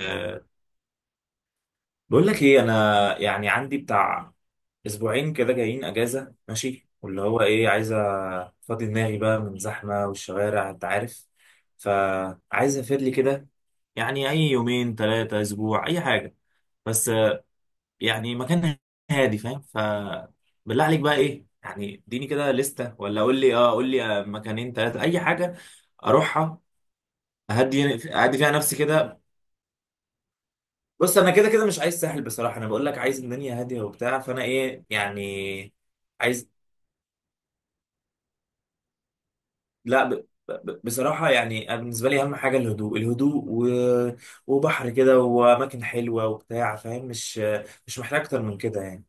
آه، بقول لك ايه انا يعني عندي بتاع اسبوعين كده جايين اجازه، ماشي، واللي هو ايه عايز افضي دماغي بقى من زحمه والشوارع، انت عارف. فعايز اسافر لي كده، يعني اي يومين ثلاثه اسبوع اي حاجه بس. يعني مكان هادي، فاهم؟ ف بالله عليك بقى ايه، يعني اديني كده لستة، ولا قول لي مكانين ثلاثه اي حاجه اروحها. اهدي اهدي فيها نفسي كده. بص، انا كده كده مش عايز ساحل بصراحه، انا بقول لك عايز الدنيا هاديه وبتاع، فانا ايه يعني؟ عايز لا بصراحه يعني، أنا بالنسبه لي اهم حاجه الهدوء الهدوء وبحر كده واماكن حلوه وبتاع، فاهم؟ مش محتاج اكتر من كده يعني.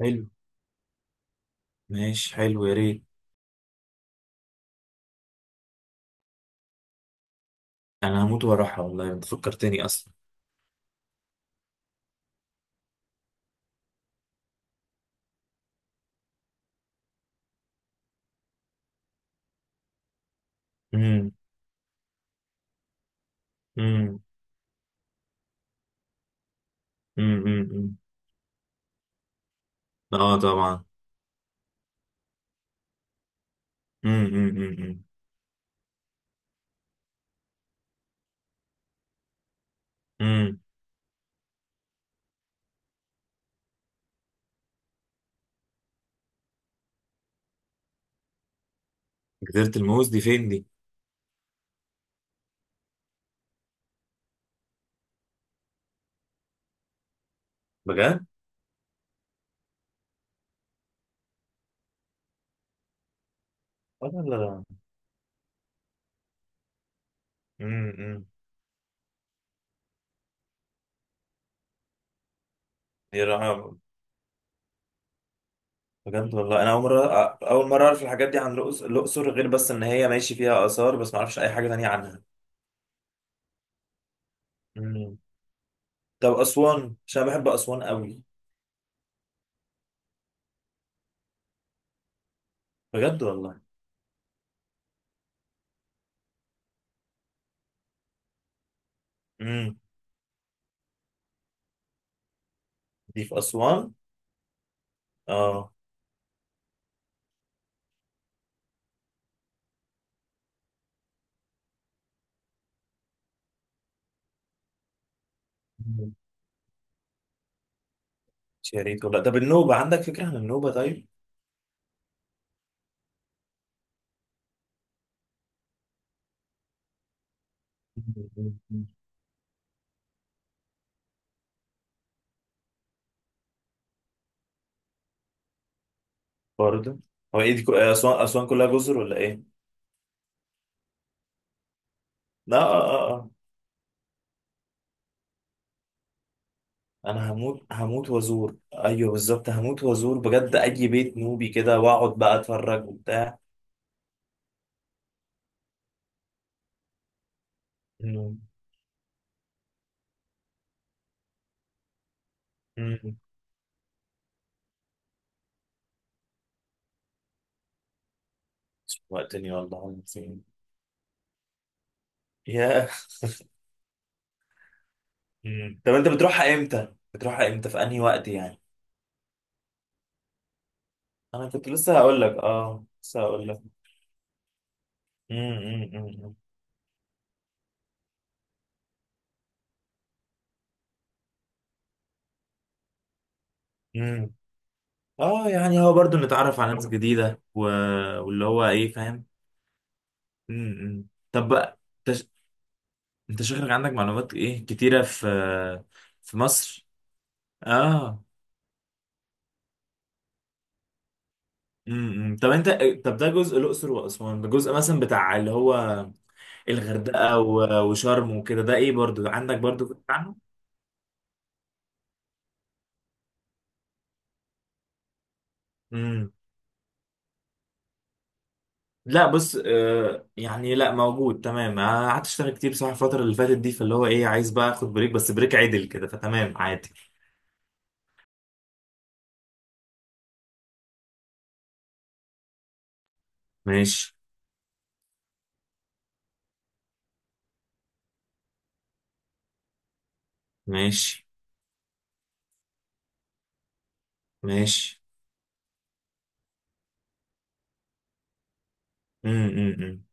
حلو، ماشي، حلو، يا ريت. انا هموت واروحها والله، انت فكرتني اصلا. امم. امم. امم. امم. اه طبعا. امم. امم. امم. امم. جزيره الموز دي فين دي؟ بجد؟ اه، لا لا. امم. امم. بجد والله، انا اول مره، اعرف الحاجات دي عن الاقصر، غير بس ان هي ماشي فيها اثار، بس ما اعرفش اي حاجه تانية عنها. امم. طب اسوان، عشان أنا بحب اسوان قوي. بجد والله. امم. دي في اسوان؟ اه. مم. يا ريت والله. طب النوبه، عندك فكره عن النوبه طيب؟ مم، مم، مم. برضه. هو ايه دي اسوان؟ اسوان كلها جزر ولا ايه؟ لا، اه اه اه. انا هموت هموت وازور، ايوه بالظبط، هموت وازور بجد، اي بيت نوبي كده، واقعد بقى اتفرج وبتاع. مم. وقتني والله العظيم فين. يا. مم. طب انت بتروحها امتى؟ بتروحها امتى في انهي وقت يعني؟ انا كنت لسه هقول لك، لسه هقول لك. امم. امم. اه يعني هو برضو نتعرف على ناس جديدة واللي هو ايه، فاهم؟ طب بقى، انت ش- انت شكلك عندك معلومات ايه كتيرة في مصر، اه. امم. طب انت، طب ده جزء الاقصر واسوان، ده جزء مثلا بتاع اللي هو الغردقة وشرم وكده، ده ايه؟ برضو عندك برضو؟ امم لا، بص، يعني لا، موجود تمام. أنا قعدت اشتغل كتير بصراحه الفتره اللي فاتت دي، فاللي هو ايه عايز بقى اخد بريك، بس بريك عدل كده، فتمام، عادي. ماشي، ماشي، ماشي. امم. امم.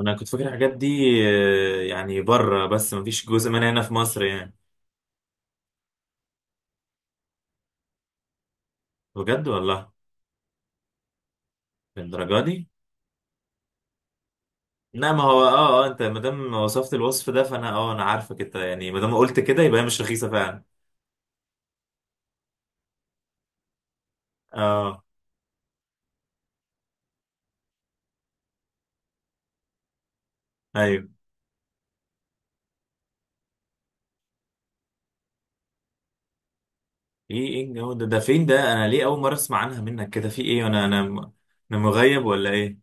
انا كنت فاكر الحاجات دي يعني بره، بس مفيش جزء منها هنا في مصر يعني؟ بجد والله؟ للدرجه دي؟ لا، ما هو انت ما دام وصفت الوصف ده فانا، انا عارفك انت، يعني ما دام قلت كده يبقى هي مش رخيصه فعلا. اه، ايوه. ايه الجو ده؟ ده فين ده؟ انا ليه اول مره اسمع عنها منك كده؟ في ايه؟ انا مغيب ولا ايه؟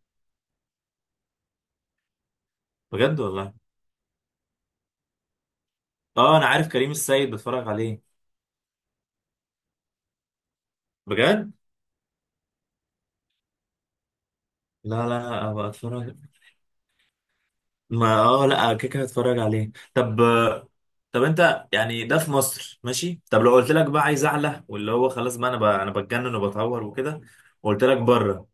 بجد والله. اه، انا عارف كريم السيد، بتفرج عليه. بجد؟ لا لا لا، ابقى اتفرج. ما لا، كده كده هتفرج عليه. طب، طب انت يعني ده في مصر ماشي. طب لو قلت لك بقى عايز اعلى، واللي هو خلاص بقى، انا انا بتجنن وبتعور وكده، وقلت لك بره؟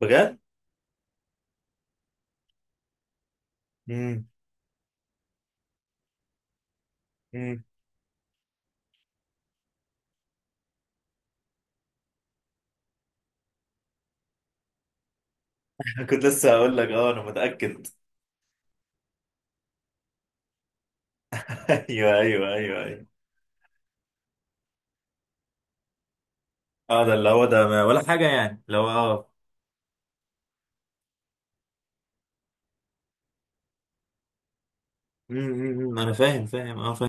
بجد؟ امم. امم. كنت لسه هقول لك انا متاكد. ايوه، ايوه، ايوه، ايوه. اه، ده اللي هو ده، ما ولا حاجه يعني لو اه انا فاهم، فاهم، فاهم.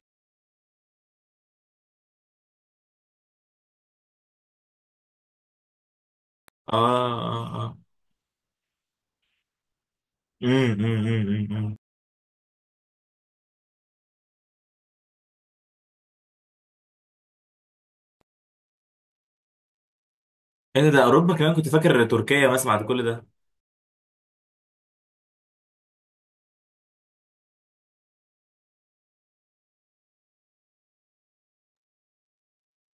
اه اه اه. امم. امم. امم. أمم. ايه ده؟ ده اوروبا كمان؟ كنت فاكر تركيا بس، بعد كل ده.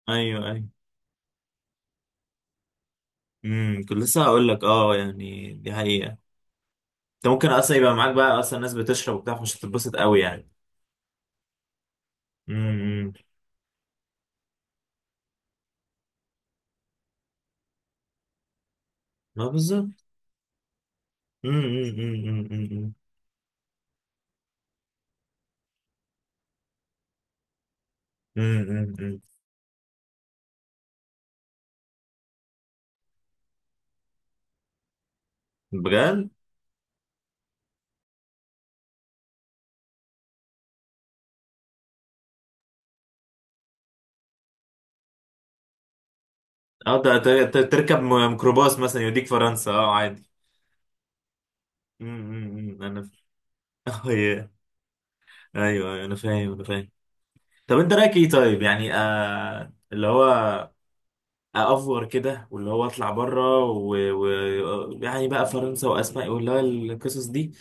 ايوه، ايوه. كنت لسه هقول لك، يعني دي حقيقة. انت ممكن اصلا يبقى معاك بقى اصلا ناس بتشرب وبتاع، فمش هتتبسط قوي يعني. امم ما بالظبط. امم. امم. امم. امم. امم. بجد. اه، ده تركب ميكروباص مثلا يوديك فرنسا، اه، عادي. امم. امم. أمم. انا اه، يا. ايوه، أيوة، انا فاهم، انا فاهم. طب انت رايك ايه طيب؟ يعني اللي هو افور كده، واللي هو اطلع بره يعني بقى فرنسا واسبانيا واللي هو القصص دي،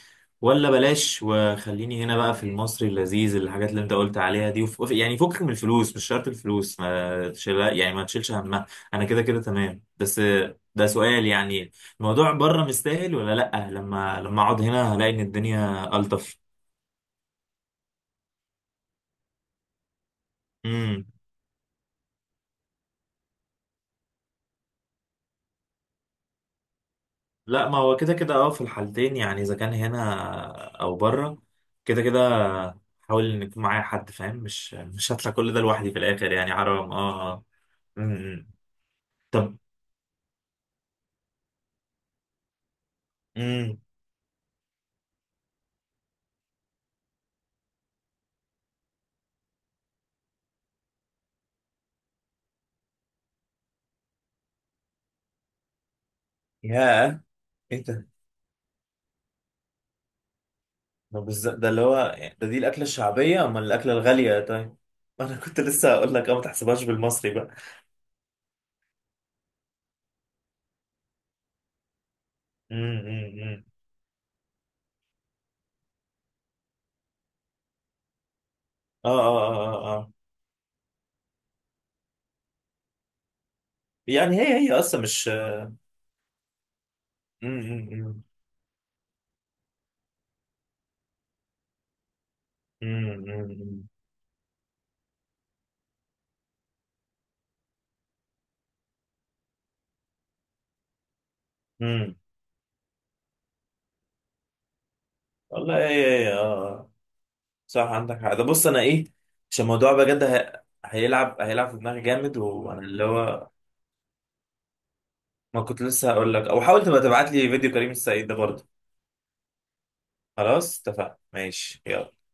ولا بلاش وخليني هنا بقى في المصري اللذيذ، الحاجات اللي انت قلت عليها دي؟ يعني فكك من الفلوس، مش شرط الفلوس ما تشيل، يعني ما تشيلش همها. انا كده كده تمام، بس ده سؤال يعني، الموضوع بره مستاهل ولا لا؟ لما اقعد هنا هلاقي ان الدنيا الطف. لا ما هو كده كده، في الحالتين يعني، اذا كان هنا او بره كده كده، حاول ان يكون معايا حد، فاهم؟ مش هطلع كل ده لوحدي في الاخر يعني، حرام، اه اه. أمم. طب. امم يا، ايه ده بالظبط ده، اللي هو ده، دي الاكله الشعبيه؟ اما الاكله الغاليه طيب! انا كنت لسه هقول لك ما تحسبهاش بالمصري بقى. امم. أمم، أمم. اه اه اه اه آه. يعني هي اصلا مش. أمم، أمم. أمم، أمم، أمم. والله هي، هي اه آه. صح، عندك حق. ده بص انا ايه، عشان الموضوع بجد هيلعب، في دماغي جامد، وانا اللي هو. ما كنت لسه هقول لك، او حاول تبقى تبعت لي فيديو كريم السعيد ده برضه. خلاص، اتفقنا، ماشي، يلا.